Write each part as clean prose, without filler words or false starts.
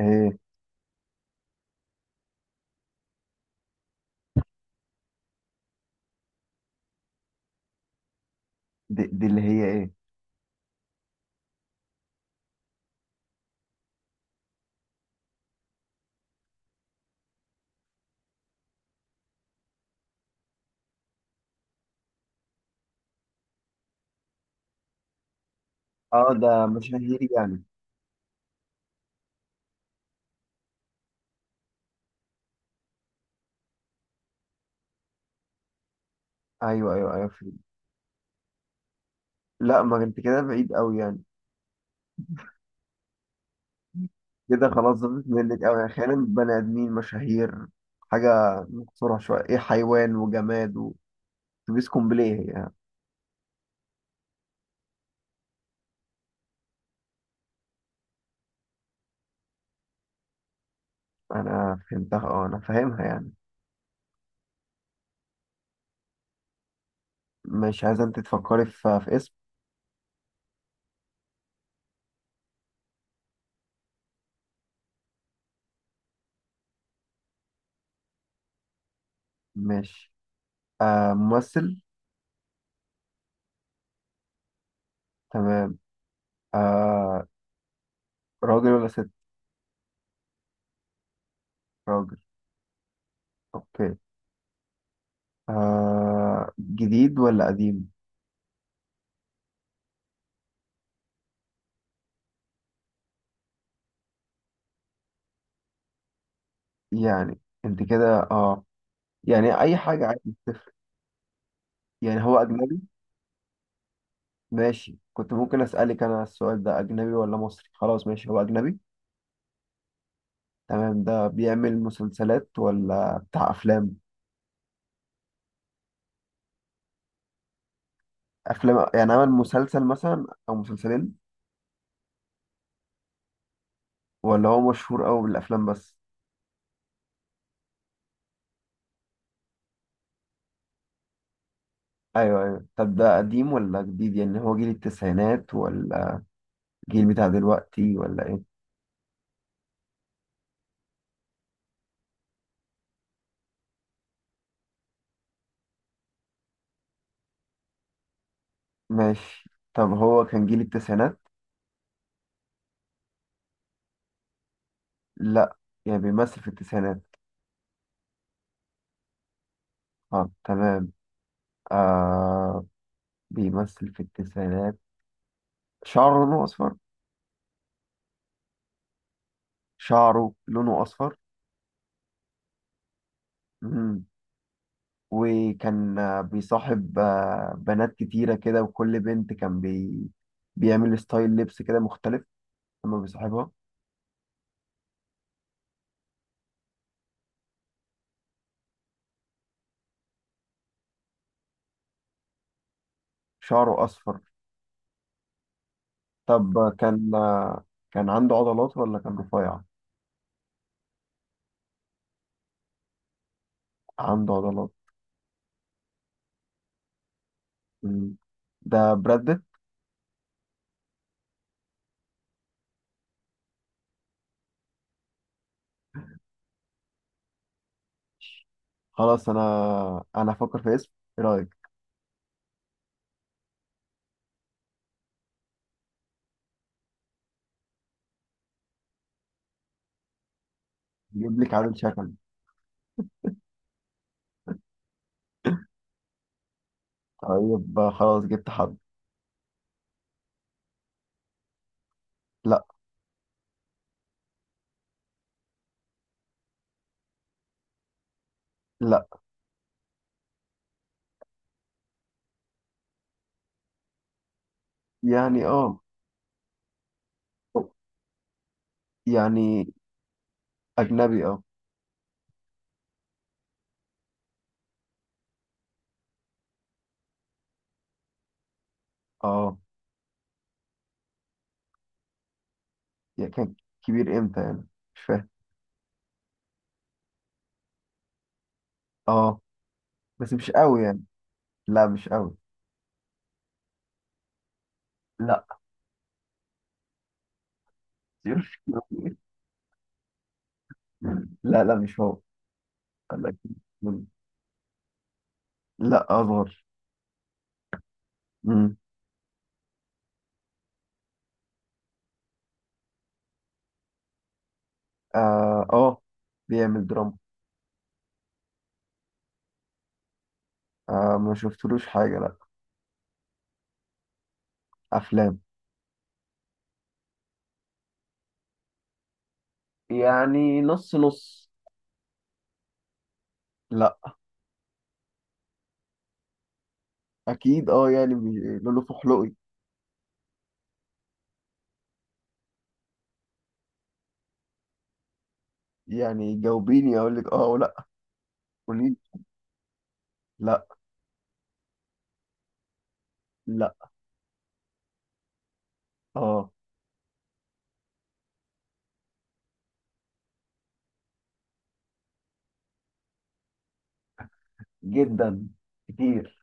ايه؟ دي اللي هي ايه؟ اه، ده مشاهير يعني؟ ايوه ايوه ايوه، فهمت. لا، ما انت كده بعيد قوي يعني. كده خلاص، زادت منك قوي. احيانا بني ادمين مشاهير، حاجه مقصوره شويه، ايه، حيوان وجماد، وتبيس كومبليه يعني. انا فهمتها، اه انا فاهمها يعني. مش عايزه. انت تفكري في اسم. ماشي. آه، ممثل. تمام. آه، راجل ولا ست؟ راجل. اوكي. آه، جديد ولا قديم؟ يعني انت كده اه، يعني اي حاجه عادي، مش تفرق. يعني هو اجنبي؟ ماشي، كنت ممكن اسالك انا السؤال ده، اجنبي ولا مصري. خلاص ماشي، هو اجنبي. تمام. ده بيعمل مسلسلات ولا بتاع افلام؟ افلام، يعني عمل مسلسل مثلا او مسلسلين؟ ولا هو مشهور قوي بالافلام بس؟ ايوه ايوه. طب ده قديم ولا جديد؟ يعني هو جيل التسعينات ولا جيل بتاع دلوقتي ولا ايه؟ ماشي. طب هو كان جيل التسعينات. لا، يعني بيمثل في التسعينات. اه تمام. آه، بيمثل في التسعينات. شعره لونه أصفر. شعره لونه أصفر. مم. وكان بيصاحب بنات كتيرة كده، وكل بنت كان بي... بيعمل ستايل لبس كده مختلف لما بيصاحبها. شعره أصفر. طب كان كان عنده عضلات ولا كان رفيع؟ عنده عضلات. مم. ده براد بيت. خلاص أنا، أنا هفكر في اسم. إيه رأيك؟ جيب لك عادل شكل. طيب خلاص جبت حد. لا لا يعني اه، يعني أجنبي اه اه، يعني كان. كبير امتى يعني؟ مش فاهم. اه، بس مش قوي يعني. لا مش قوي. لا مش قوي. لا لا مش هو، لكن. لا اصغر. امم اه، بيعمل دراما. آه، ما شفتلوش حاجة لا. افلام، يعني نص نص. لا اكيد، اه يعني لولو فحلوقي. يعني جاوبيني، اقول لك اه ولا؟ قولي لا لا. اه، جدا، كتير.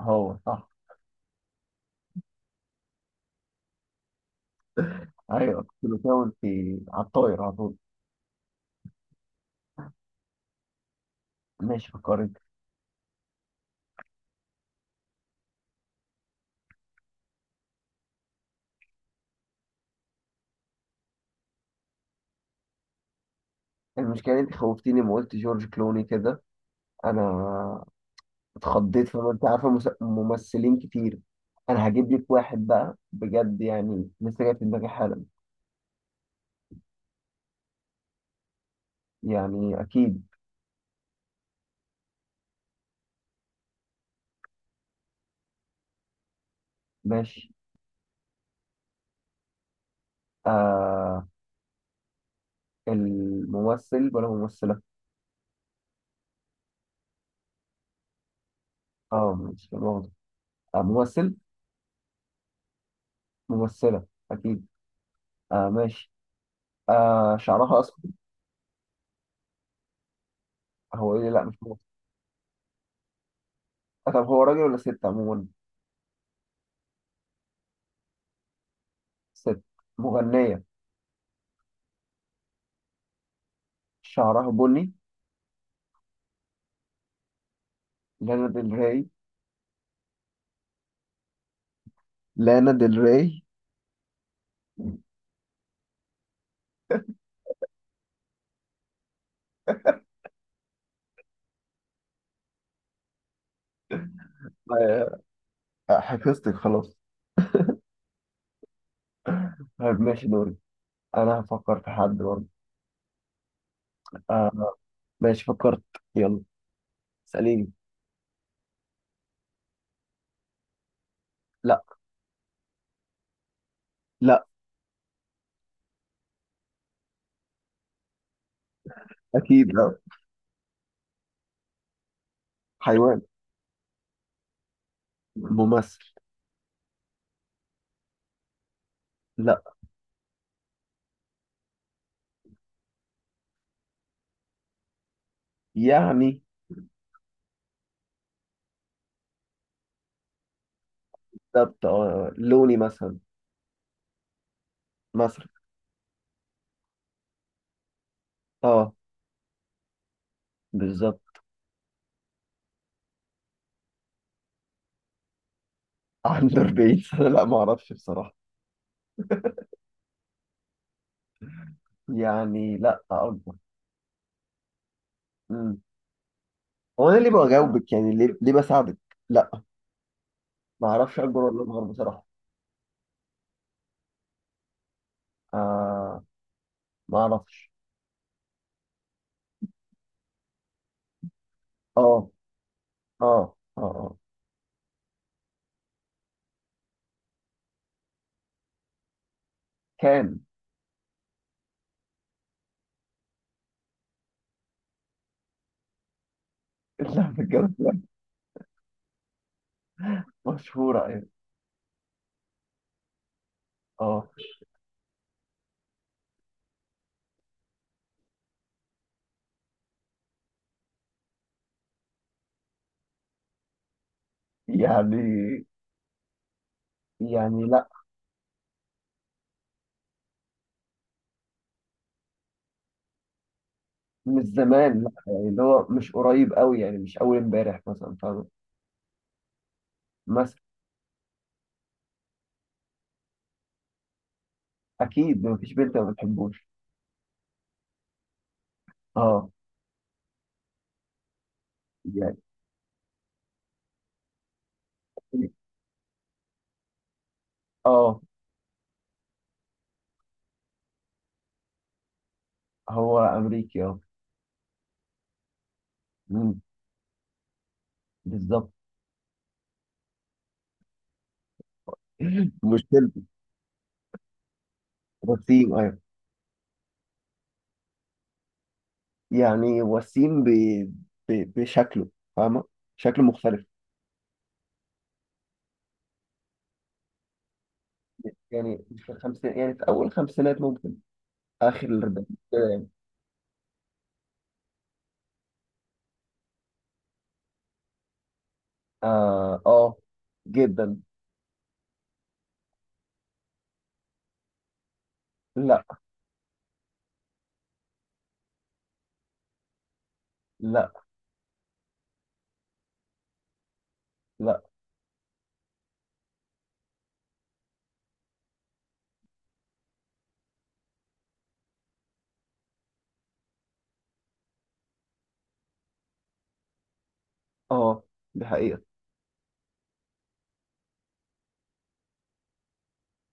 هو صح! ايوه، كنت بتقول في على الطاير على طول. ماشي فكرت. المشكلة انت خوفتيني لما قلت جورج كلوني كده، انا اتخضيت. فما انت عارفة، ممثلين كتير. انا هجيب لك واحد بقى بجد، يعني لسه جاي في دماغي حالا. يعني اكيد. ماشي. آه، الممثل ولا ممثلة؟ اه مش واضح. آه ممثل. ممثلة اكيد. اه ماشي. آه، شعرها اسود. هو ايه؟ لا مش ممثل. آه، طب هو راجل ولا ست عموما؟ ست. مغنية. شعرها بني. لانا ديل ري. لانا ديل ري. آه، حفظتك خلاص. طيب ماشي، دوري. انا هفكر في حد برضه. آه. ماشي فكرت. يلا، اسأليني. لا. لا اكيد لا. حيوان؟ ممثل. لا يعني. بالظبط، لوني مثلا. مصري اه، بالظبط. عنده 40 سنة؟ لا، ما اعرفش بصراحة، يعني لا اكبر. أمم. هو انا ليه بجاوبك يعني؟ ليه بساعدك؟ لا ما اعرفش اكبر ولا اصغر بصراحة. آه ما اعرفش. اه، اه، اه، آه. آه. كان. اللعبة كانت لعبة مشهورة يعني، اه، يعني يعني. لا مش زمان، لا، يعني اللي هو مش قريب قوي، يعني مش أول امبارح مثلا، فاهم. مثلا. أكيد مفيش بنت ما بتحبوش. اه يعني. اه هو أمريكي اه. مم، بالظبط. مشكلة. وسيم أيوه. يعني وسيم ب... ب... بشكله، فاهمة؟ شكله مختلف. يعني مش في الخمسين، يعني في أول خمسينات ممكن، آخر الأربعينات كده يعني. آه، جدا. لا لا لا. اه دي حقيقة،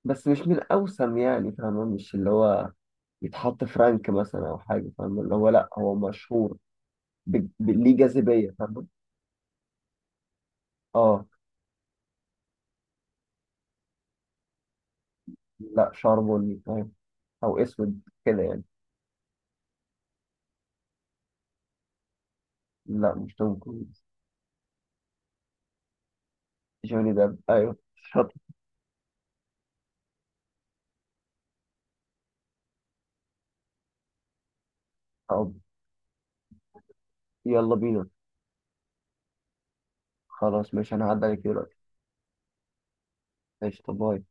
بس مش من الأوسم يعني، فاهمة. مش اللي هو يتحط في رانك مثلا أو حاجة، فاهمة؟ اللي هو لا، هو مشهور ب... ب... ليه جاذبية، فاهمة؟ اه. لا، شعر بني فاهم، أو أسود كده يعني. لا مش توم كروز. جوني ديب أيوه، شط! طب يلا بينا. خلاص ماشي، أنا هعدي عليك دلوقتي. ماشي، طب باي.